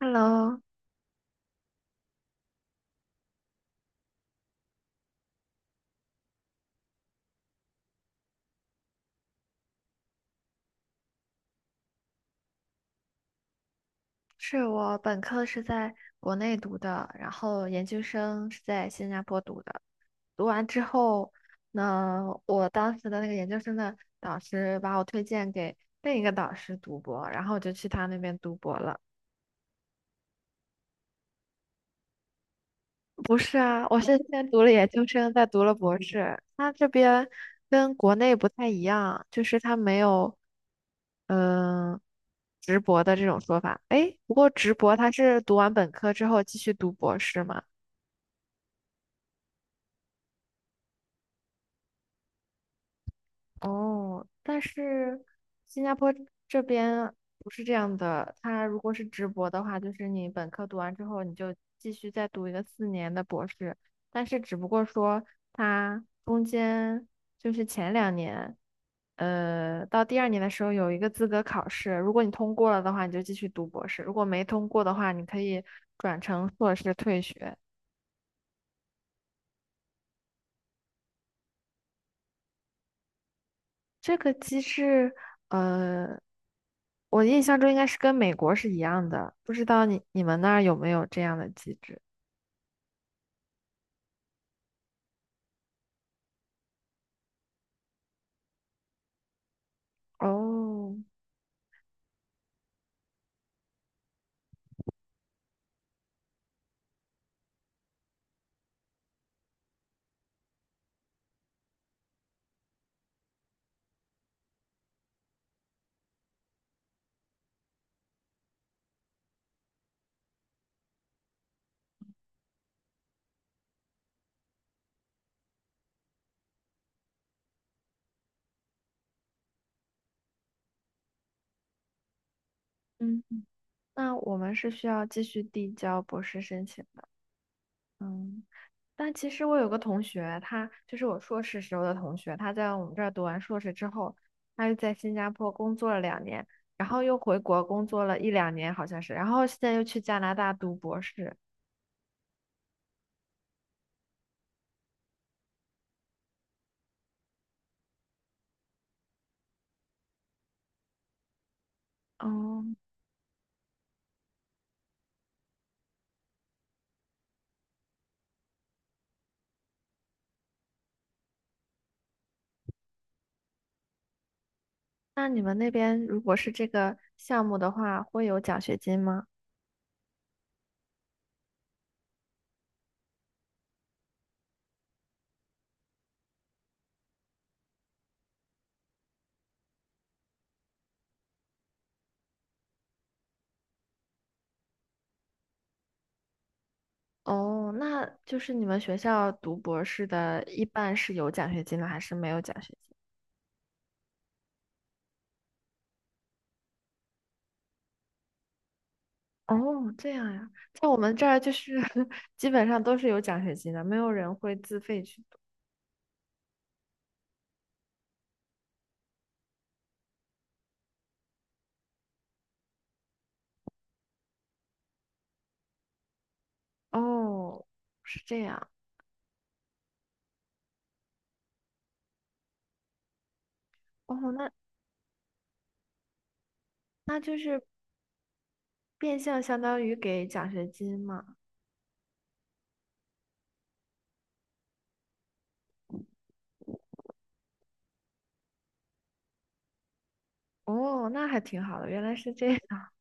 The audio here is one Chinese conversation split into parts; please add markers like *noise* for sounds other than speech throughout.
Hello，是，我本科是在国内读的，然后研究生是在新加坡读的。读完之后呢，我当时的那个研究生的导师把我推荐给另一个导师读博，然后我就去他那边读博了。不是啊，我是先读了研究生，再读了博士。他这边跟国内不太一样，就是他没有嗯、呃直博的这种说法。诶，不过直博他是读完本科之后继续读博士吗？哦，但是新加坡这边不是这样的，它如果是直博的话，就是你本科读完之后，你就继续再读一个4年的博士，但是只不过说它中间就是前两年，到第2年的时候有一个资格考试，如果你通过了的话，你就继续读博士；如果没通过的话，你可以转成硕士退学。这个机制，呃，我印象中应该是跟美国是一样的，不知道你们那儿有没有这样的机制？哦，嗯，那我们是需要继续递交博士申请的。嗯，但其实我有个同学，他就是我硕士时候的同学，他在我们这儿读完硕士之后，他又在新加坡工作了两年，然后又回国工作了一两年，好像是，然后现在又去加拿大读博士。哦，那你们那边如果是这个项目的话，会有奖学金吗？哦，那就是你们学校读博士的，一般是有奖学金的，还是没有奖学金？哦，这样呀，在我们这儿就是 *laughs* 基本上都是有奖学金的，没有人会自费去读。哦，是这样。哦，那就是变相相当于给奖学金嘛。哦，那还挺好的，原来是这样。*laughs*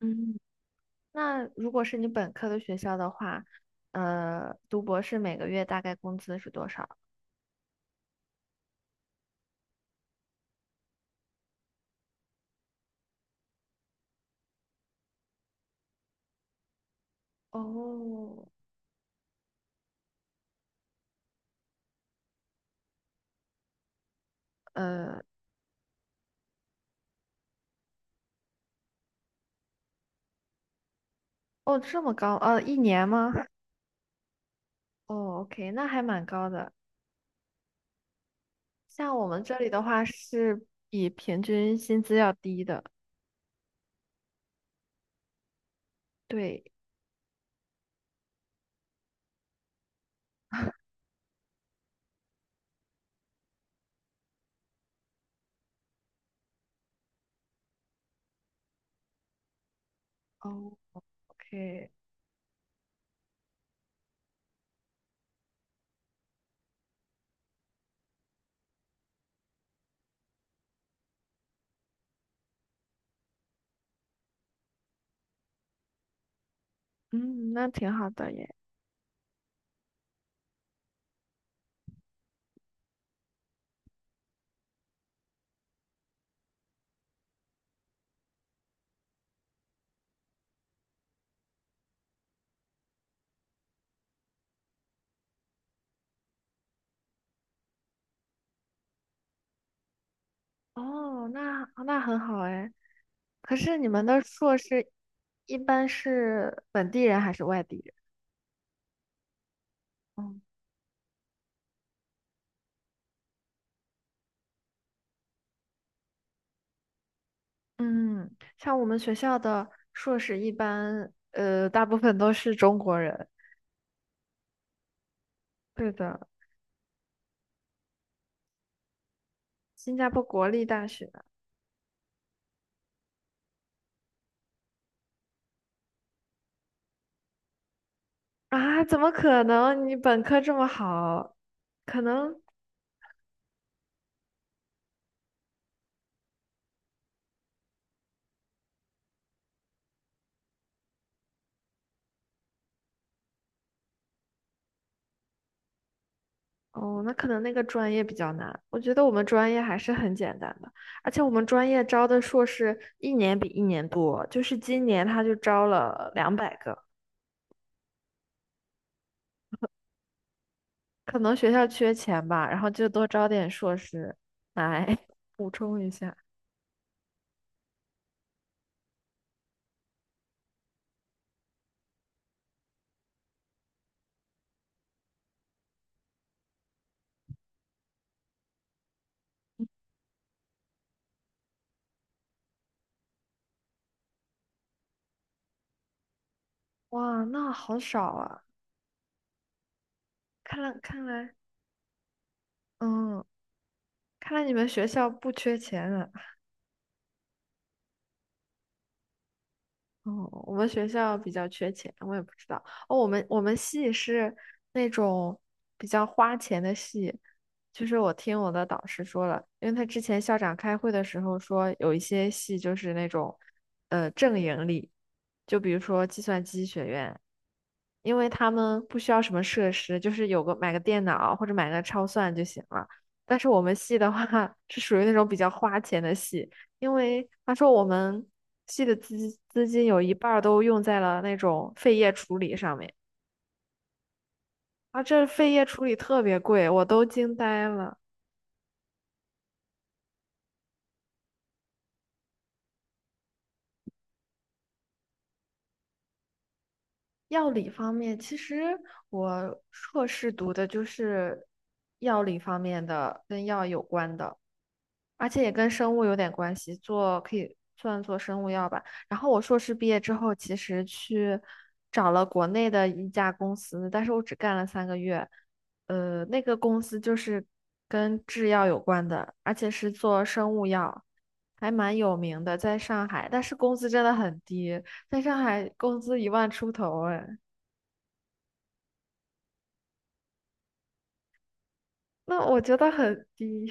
嗯。那如果是你本科的学校的话，读博士每个月大概工资是多少？哦，呃，哦，这么高，一年吗？哦，OK，那还蛮高的。像我们这里的话，是比平均薪资要低的。对，OK，嗯，那挺好的耶。哦，那很好哎。可是你们的硕士一般是本地人还是外地人？哦，嗯，像我们学校的硕士一般，大部分都是中国人。对的，新加坡国立大学啊，怎么可能？你本科这么好，可能哦，那可能那个专业比较难。我觉得我们专业还是很简单的，而且我们专业招的硕士一年比一年多，就是今年他就招了200个，可能学校缺钱吧，然后就多招点硕士来 *laughs* 补充一下。哇，那好少啊！看来，嗯，看来你们学校不缺钱啊。哦，我们学校比较缺钱，我也不知道。哦，我们系是那种比较花钱的系，就是我听我的导师说了，因为他之前校长开会的时候说，有一些系就是那种正盈利，就比如说计算机学院，因为他们不需要什么设施，就是有个买个电脑或者买个超算就行了。但是我们系的话是属于那种比较花钱的系，因为他说我们系的资金有一半儿都用在了那种废液处理上面啊，这废液处理特别贵，我都惊呆了。药理方面，其实我硕士读的就是药理方面的，跟药有关的。而且也跟生物有点关系，做可以算做生物药吧。然后我硕士毕业之后，其实去找了国内的一家公司，但是我只干了3个月。那个公司就是跟制药有关的，而且是做生物药，还蛮有名的，在上海。但是工资真的很低，在上海工资一万出头，哎，那我觉得很低。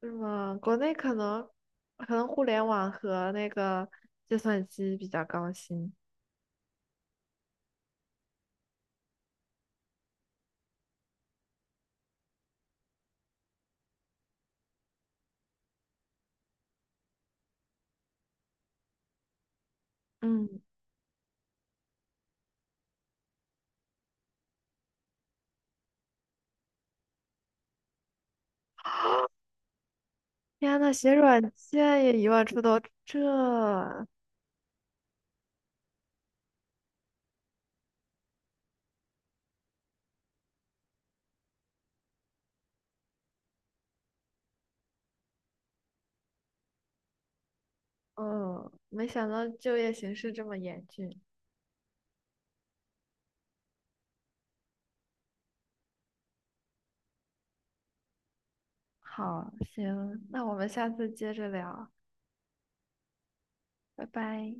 是吗？国内可能互联网和那个计算机比较高薪。嗯，天呐，写软件也一万出头，这，嗯，没想到就业形势这么严峻。好，行，那我们下次接着聊，拜拜。